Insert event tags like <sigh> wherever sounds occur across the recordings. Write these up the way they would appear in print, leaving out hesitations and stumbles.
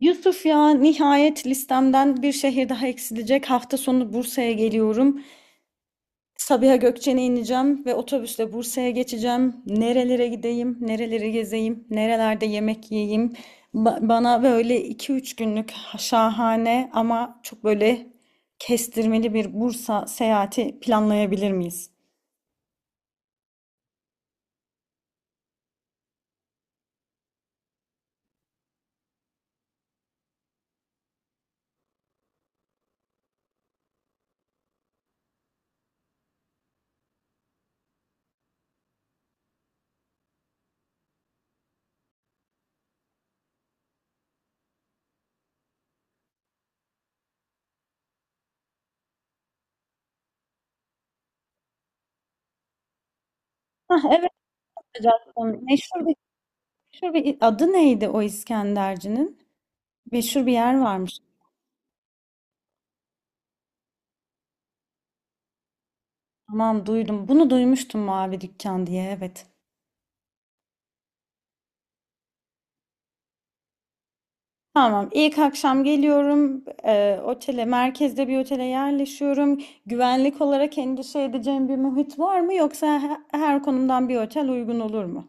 Yusuf ya nihayet listemden bir şehir daha eksilecek. Hafta sonu Bursa'ya geliyorum. Sabiha Gökçen'e ineceğim ve otobüsle Bursa'ya geçeceğim. Nerelere gideyim, nereleri gezeyim, nerelerde yemek yiyeyim. Bana böyle iki üç günlük şahane ama çok böyle kestirmeli bir Bursa seyahati planlayabilir miyiz? Hah, evet hocam. Meşhur bir adı neydi o İskenderci'nin? Meşhur bir yer varmış. Tamam, duydum. Bunu duymuştum, mavi dükkan diye, evet. Tamam, ilk akşam geliyorum. Otele Merkezde bir otele yerleşiyorum. Güvenlik olarak endişe edeceğim bir muhit var mı, yoksa her konumdan bir otel uygun olur mu?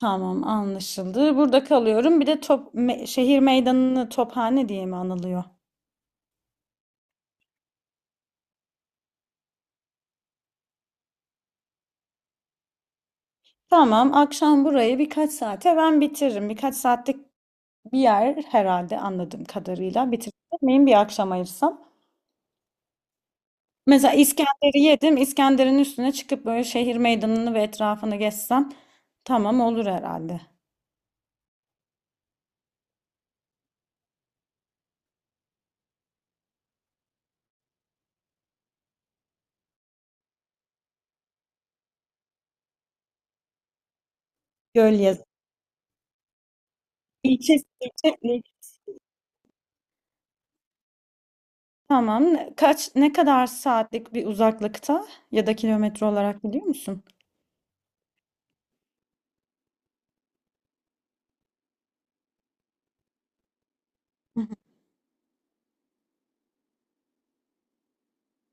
Tamam, anlaşıldı. Burada kalıyorum. Bir de şehir meydanını tophane diye mi anılıyor? Tamam, akşam burayı birkaç saate ben bitiririm. Birkaç saatlik bir yer herhalde anladığım kadarıyla. Bitirmeyeyim, bir akşam ayırsam. Mesela İskender'i yedim. İskender'in üstüne çıkıp böyle şehir meydanını ve etrafını gezsem tamam olur herhalde. Gölyazı. İlçe, ilçe, ilçe. Tamam. Kaç, ne kadar saatlik bir uzaklıkta ya da kilometre olarak biliyor musun? Hı hı.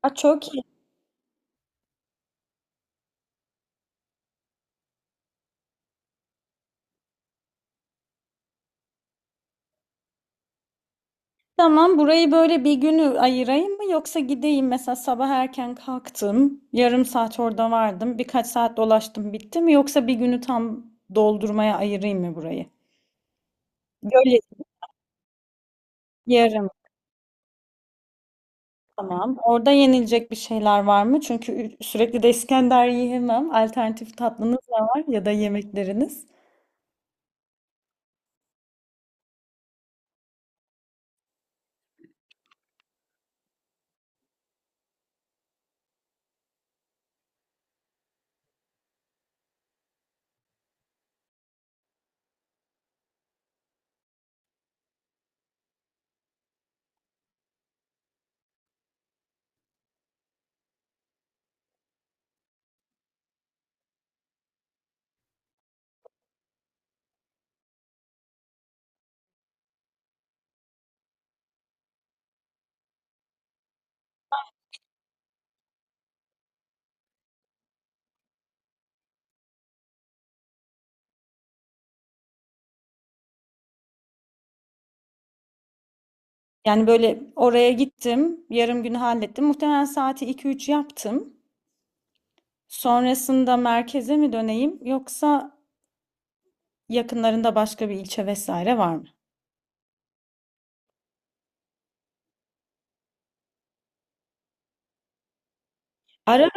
Aa, çok iyi. Tamam, burayı böyle bir günü ayırayım mı, yoksa gideyim mesela sabah erken kalktım, yarım saat orada vardım, birkaç saat dolaştım bitti mi, yoksa bir günü tam doldurmaya ayırayım mı burayı? Göl yarım. Tamam. Orada yenilecek bir şeyler var mı? Çünkü sürekli de İskender yiyemem. Alternatif tatlınız da var ya da yemekleriniz. Yani böyle oraya gittim, yarım günü hallettim. Muhtemelen saati iki üç yaptım. Sonrasında merkeze mi döneyim, yoksa yakınlarında başka bir ilçe vesaire var mı? Ara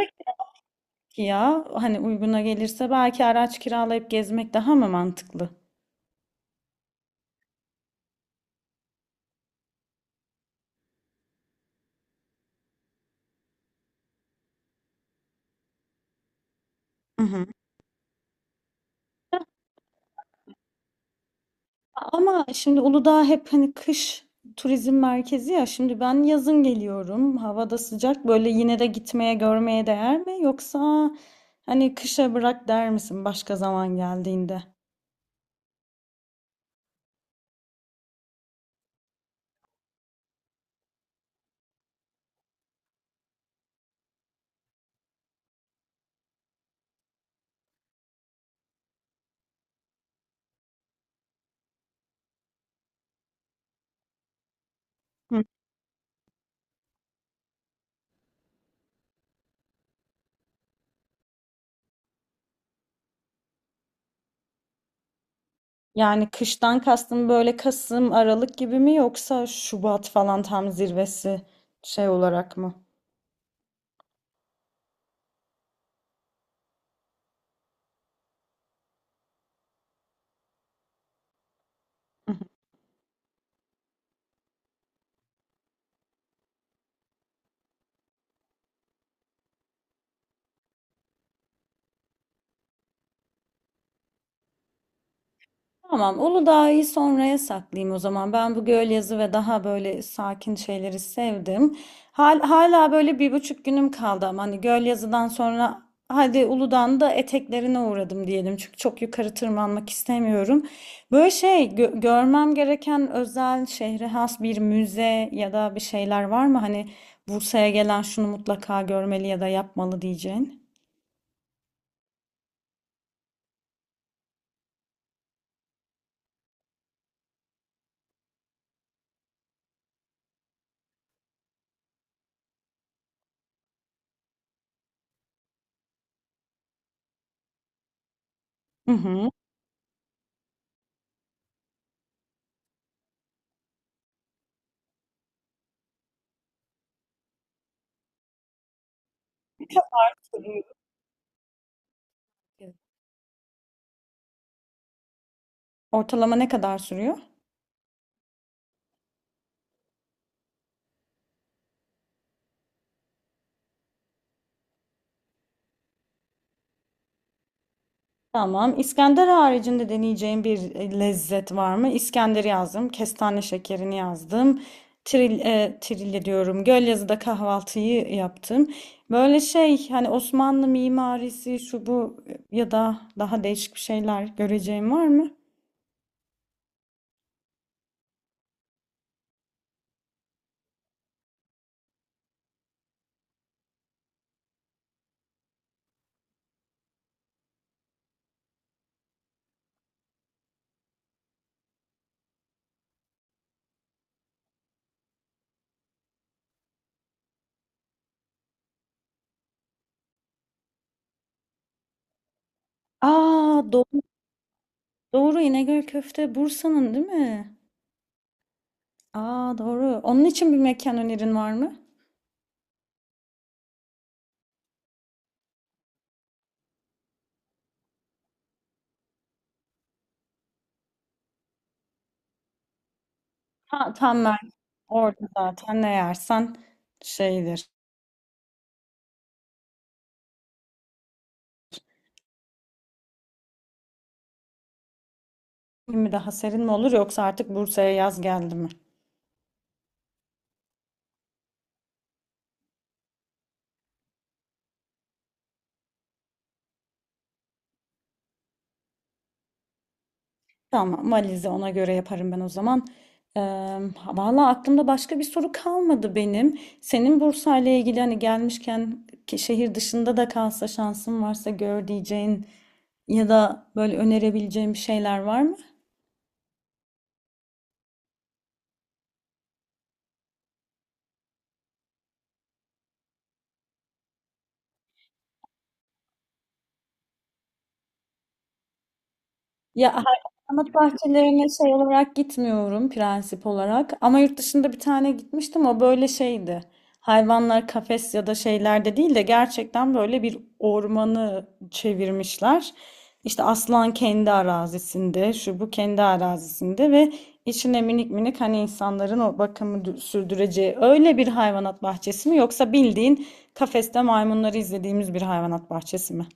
Ki ya hani uyguna gelirse belki araç kiralayıp gezmek daha mı mantıklı? Ama şimdi Uludağ hep hani kış turizm merkezi ya. Şimdi ben yazın geliyorum. Havada sıcak. Böyle yine de gitmeye, görmeye değer mi? Yoksa hani kışa bırak der misin başka zaman geldiğinde? Hı. Yani kıştan kastın böyle Kasım, Aralık gibi mi, yoksa Şubat falan tam zirvesi şey olarak mı? Tamam, Uludağ'ı sonraya saklayayım o zaman. Ben bu göl yazı ve daha böyle sakin şeyleri sevdim. Hala böyle 1,5 günüm kaldı ama hani göl yazıdan sonra hadi Uludağ'ın da eteklerine uğradım diyelim. Çünkü çok yukarı tırmanmak istemiyorum. Böyle şey görmem gereken özel, şehre has bir müze ya da bir şeyler var mı? Hani Bursa'ya gelen şunu mutlaka görmeli ya da yapmalı diyeceğin. Hı hı. Ne kadar sürüyor? Ortalama ne kadar sürüyor? Tamam. İskender haricinde deneyeceğim bir lezzet var mı? İskenderi yazdım. Kestane şekerini yazdım. Trilye diyorum. Gölyazı'da kahvaltıyı yaptım. Böyle şey hani Osmanlı mimarisi şu bu ya da daha değişik bir şeyler göreceğim var mı? Aa doğru, doğru, İnegöl köfte Bursa'nın değil mi? Aa doğru. Onun için bir mekan önerin var mı? Ha, tam ben orada zaten ne yersen şeydir. Mi daha serin mi olur, yoksa artık Bursa'ya yaz geldi mi? Tamam, valizi ona göre yaparım ben o zaman. Eee Valla aklımda başka bir soru kalmadı benim. Senin Bursa ile ilgili hani gelmişken ki şehir dışında da kalsa şansın varsa gör diyeceğin ya da böyle önerebileceğin bir şeyler var mı? Ya hayvanat bahçelerine şey olarak gitmiyorum, prensip olarak. Ama yurt dışında bir tane gitmiştim. O böyle şeydi. Hayvanlar kafes ya da şeylerde değil de gerçekten böyle bir ormanı çevirmişler. İşte aslan kendi arazisinde, şu bu kendi arazisinde ve içine minik minik hani insanların o bakımı sürdüreceği öyle bir hayvanat bahçesi mi, yoksa bildiğin kafeste maymunları izlediğimiz bir hayvanat bahçesi mi?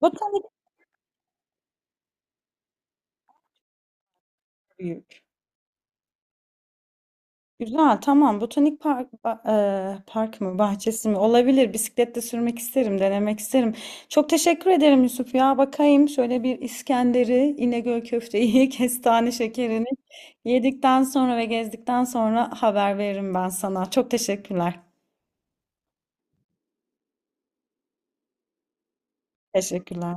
Botanik büyük. Güzel, tamam. Botanik park, park mı, bahçesi mi? Olabilir. Bisikletle sürmek isterim, denemek isterim. Çok teşekkür ederim Yusuf ya. Bakayım şöyle bir İskender'i, İnegöl köfteyi, <laughs> kestane şekerini yedikten sonra ve gezdikten sonra haber veririm ben sana. Çok teşekkürler. Teşekkürler.